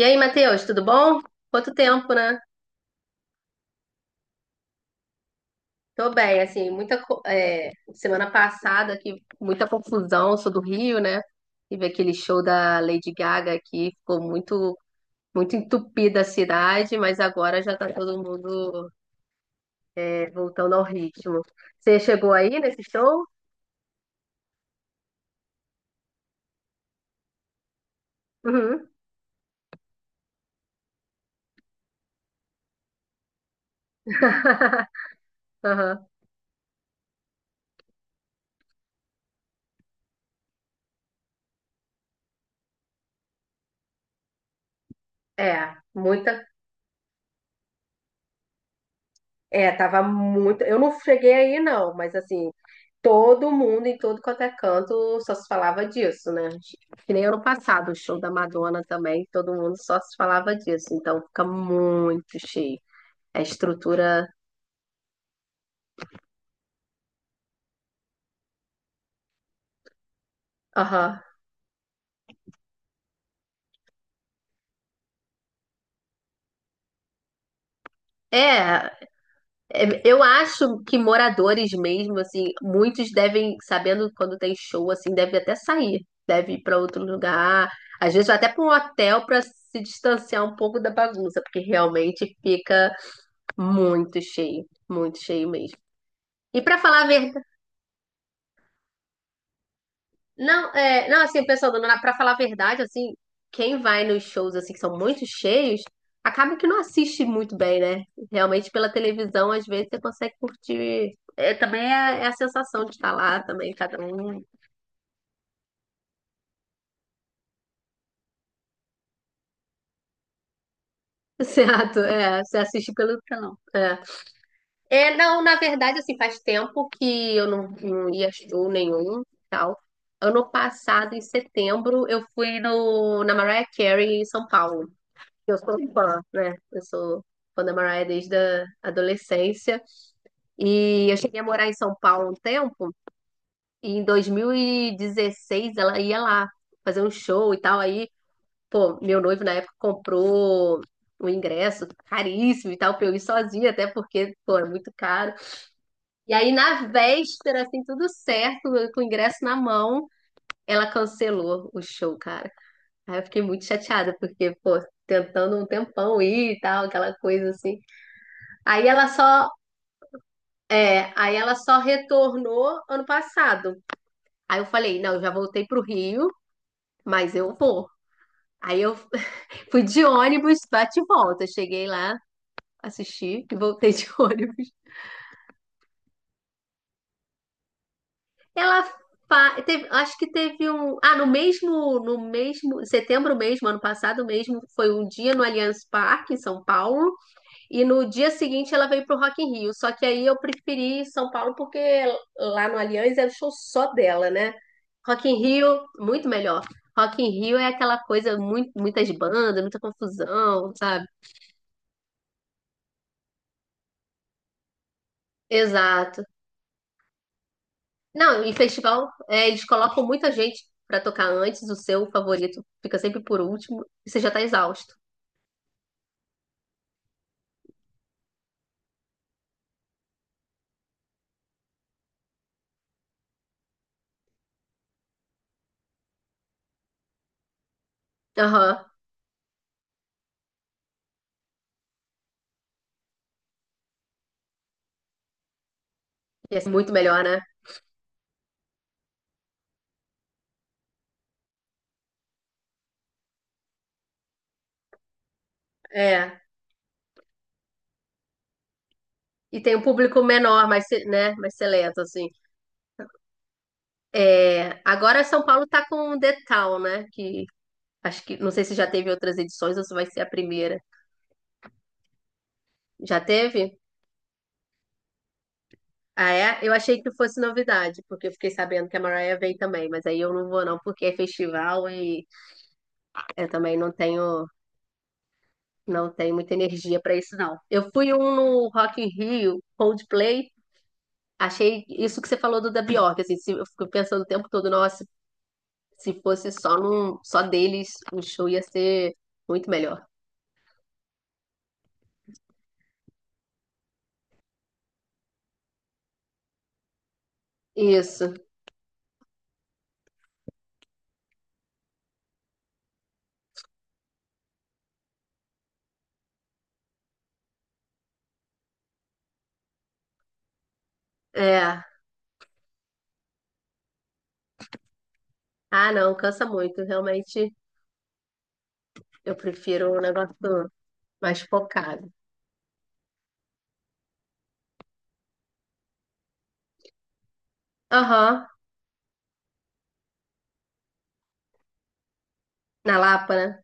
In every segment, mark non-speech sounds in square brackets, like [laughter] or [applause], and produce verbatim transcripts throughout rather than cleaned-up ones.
E aí, Matheus, tudo bom? Quanto tempo, né? Tô bem, assim, muita co- é, semana passada aqui, muita confusão, sou do Rio, né? Tive aquele show da Lady Gaga aqui, ficou muito muito entupida a cidade, mas agora já tá todo mundo é, voltando ao ritmo. Você chegou aí nesse show? Uhum. [laughs] Aham. É, muita. É, tava muito. Eu não cheguei aí, não, mas assim, todo mundo em todo quanto é canto só se falava disso, né? Que nem ano passado, o show da Madonna também, todo mundo só se falava disso. Então fica muito cheio. A estrutura. Aham. É, é, eu acho que moradores mesmo, assim, muitos devem, sabendo quando tem show, assim, devem até sair, deve ir para outro lugar, às vezes até para um hotel para se distanciar um pouco da bagunça, porque realmente fica muito cheio, muito cheio mesmo. E para falar a... Não, é, não, assim, pensando, na- pra falar a verdade, assim, quem vai nos shows, assim, que são muito cheios, acaba que não assiste muito bem, né? Realmente, pela televisão, às vezes, você consegue curtir. É, também é, é a sensação de estar lá, também, cada um. [laughs] Certo, é, você assiste pelo telão. É. É, não, na verdade, assim, faz tempo que eu não, não ia a show nenhum, tal. Ano passado, em setembro, eu fui no, na Mariah Carey, em São Paulo. Eu sou fã, né? Eu sou fã da Mariah desde a adolescência. E eu cheguei a morar em São Paulo um tempo, e em dois mil e dezesseis ela ia lá fazer um show e tal. Aí, pô, meu noivo na época comprou um ingresso caríssimo e tal, pra eu ir sozinha, até porque, pô, é muito caro. E aí, na véspera, assim, tudo certo, eu com o ingresso na mão, ela cancelou o show, cara. Aí eu fiquei muito chateada, porque, pô, tentando um tempão ir e tal, aquela coisa assim. Aí ela só, é, aí ela só retornou ano passado. Aí eu falei, não, eu já voltei pro Rio, mas eu vou. Aí eu [laughs] fui de ônibus, bate e volta. Cheguei lá, assisti e voltei de [laughs] ônibus. Ela fa- Teve, acho que teve um, ah, no mesmo, no mesmo, setembro mesmo, ano passado mesmo, foi um dia no Allianz Parque em São Paulo. E no dia seguinte ela veio pro Rock in Rio. Só que aí eu preferi São Paulo porque lá no Allianz era show só dela, né? Rock in Rio, muito melhor. Rock in Rio é aquela coisa, muito, muitas bandas, muita confusão, sabe? Exato. Não, e festival, é, eles colocam muita gente pra tocar antes, o seu favorito fica sempre por último, e você já tá exausto. Aham. E é muito melhor, né? É. E tem um público menor, mais, se- né, mais seleto, assim. É, agora São Paulo tá com o The Town, né? Que acho que não sei se já teve outras edições ou se vai ser a primeira. Já teve? Ah, é? Eu achei que fosse novidade, porque eu fiquei sabendo que a Mariah vem também, mas aí eu não vou não, porque é festival e eu também não tenho não tenho muita energia pra isso não. Eu fui um no Rock in Rio, Coldplay, achei isso que você falou do da Bjork, assim, se- eu fico pensando o tempo todo, nossa, se fosse só num só deles, o show ia ser muito melhor. Isso. É. Ah, não, cansa muito. Realmente, eu prefiro um negócio mais focado. Aham, na Lapa, né?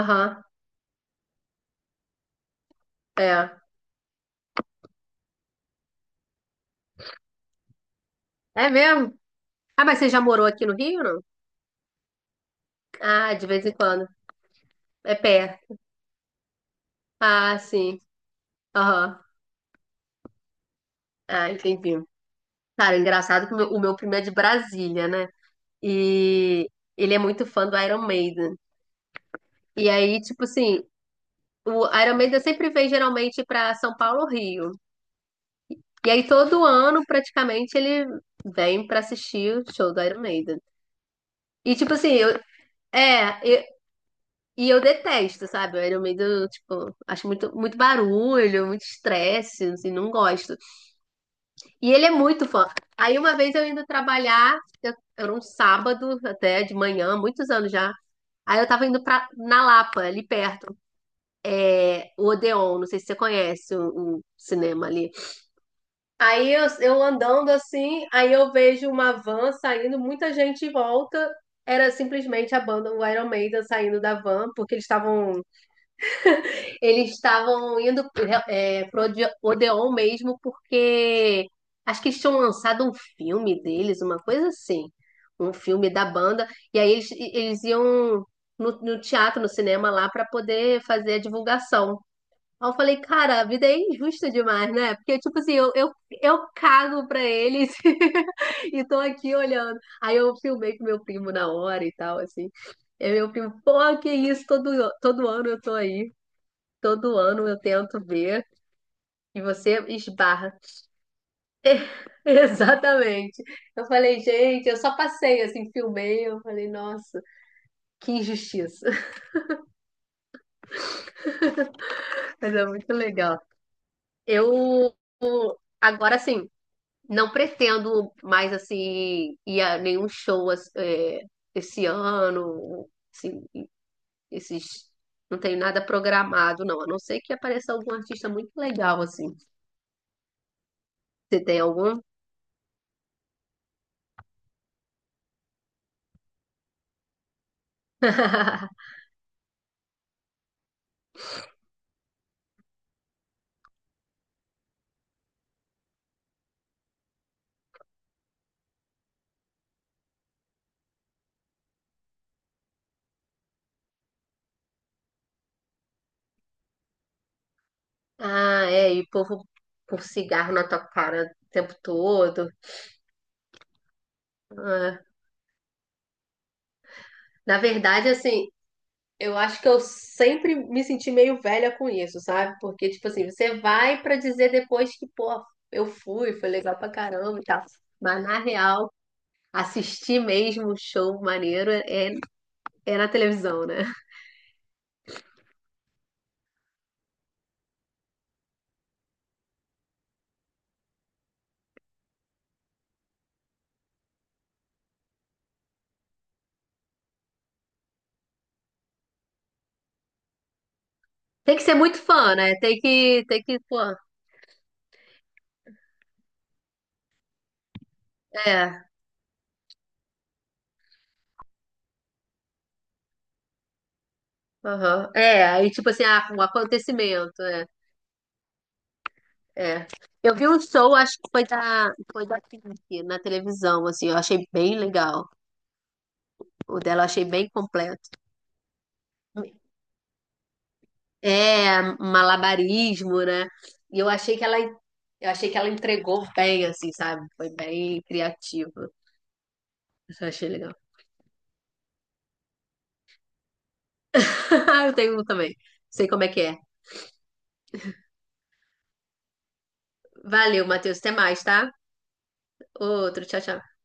Aham, é. É mesmo? Ah, mas você já morou aqui no Rio, não? Ah, de vez em quando. É perto. Ah, sim. Aham. Ah, entendi. Cara, é engraçado que o meu, o meu primo é de Brasília, né? E ele é muito fã do Iron Maiden. E aí, tipo assim, o Iron Maiden sempre vem geralmente pra São Paulo ou Rio. E aí todo ano, praticamente, ele vem pra assistir o show do Iron Maiden. E tipo assim, eu é, eu- e eu detesto, sabe? O Iron Maiden, tipo, acho muito muito barulho, muito estresse, assim, não gosto. E ele é muito fã. Aí uma vez eu indo trabalhar, eu, era um sábado até de manhã, muitos anos já. Aí eu tava indo pra, na Lapa, ali perto, é, o Odeon, não sei se você conhece o, o cinema ali. Aí eu, eu andando assim, aí eu vejo uma van saindo, muita gente em volta. Era simplesmente a banda, o Iron Maiden saindo da van, porque eles estavam eles estavam indo é, pro Ode- Odeon mesmo, porque acho que eles tinham lançado um filme deles, uma coisa assim, um filme da banda, e aí eles, eles iam no, no teatro, no cinema lá, para poder fazer a divulgação. Aí eu falei, cara, a vida é injusta demais, né? Porque, tipo assim, eu, eu, eu cago pra eles [laughs] e tô aqui olhando. Aí eu filmei com meu primo na hora e tal, assim. E meu primo, pô, que isso, todo, todo ano eu tô aí. Todo ano eu tento ver e você esbarra. [laughs] Exatamente. Eu falei, gente, eu só passei, assim, filmei. Eu falei, nossa, que injustiça. [laughs] Mas é muito legal. Eu, agora, assim. Não pretendo mais, assim, ir a nenhum show as- é, esse ano, assim, esses... Não tenho nada programado, não. A não ser que apareça algum artista muito legal, assim. Você tem algum? [laughs] Ah, é, e o povo com cigarro na tua cara o tempo todo. Ah, na verdade, assim, eu acho que eu sempre me senti meio velha com isso, sabe? Porque, tipo assim, você vai pra dizer depois que, pô, eu fui, foi legal pra caramba e tal. Mas na real, assistir mesmo o show maneiro é, é na televisão, né? Tem que ser muito fã, né? Tem que, tem que, pô, é, aham, é, aí tipo assim, ah, um acontecimento, é... É. Eu vi um show, acho que foi da, foi da Pink, na televisão, assim, eu achei bem legal. O dela eu achei bem completo. É, malabarismo, né? E eu achei que ela, eu achei que ela entregou bem, assim, sabe? Foi bem criativo. Isso eu achei legal. [laughs] Eu tenho um também. Sei como é que é. Valeu, Matheus. Até mais, tá? Outro. Tchau, tchau.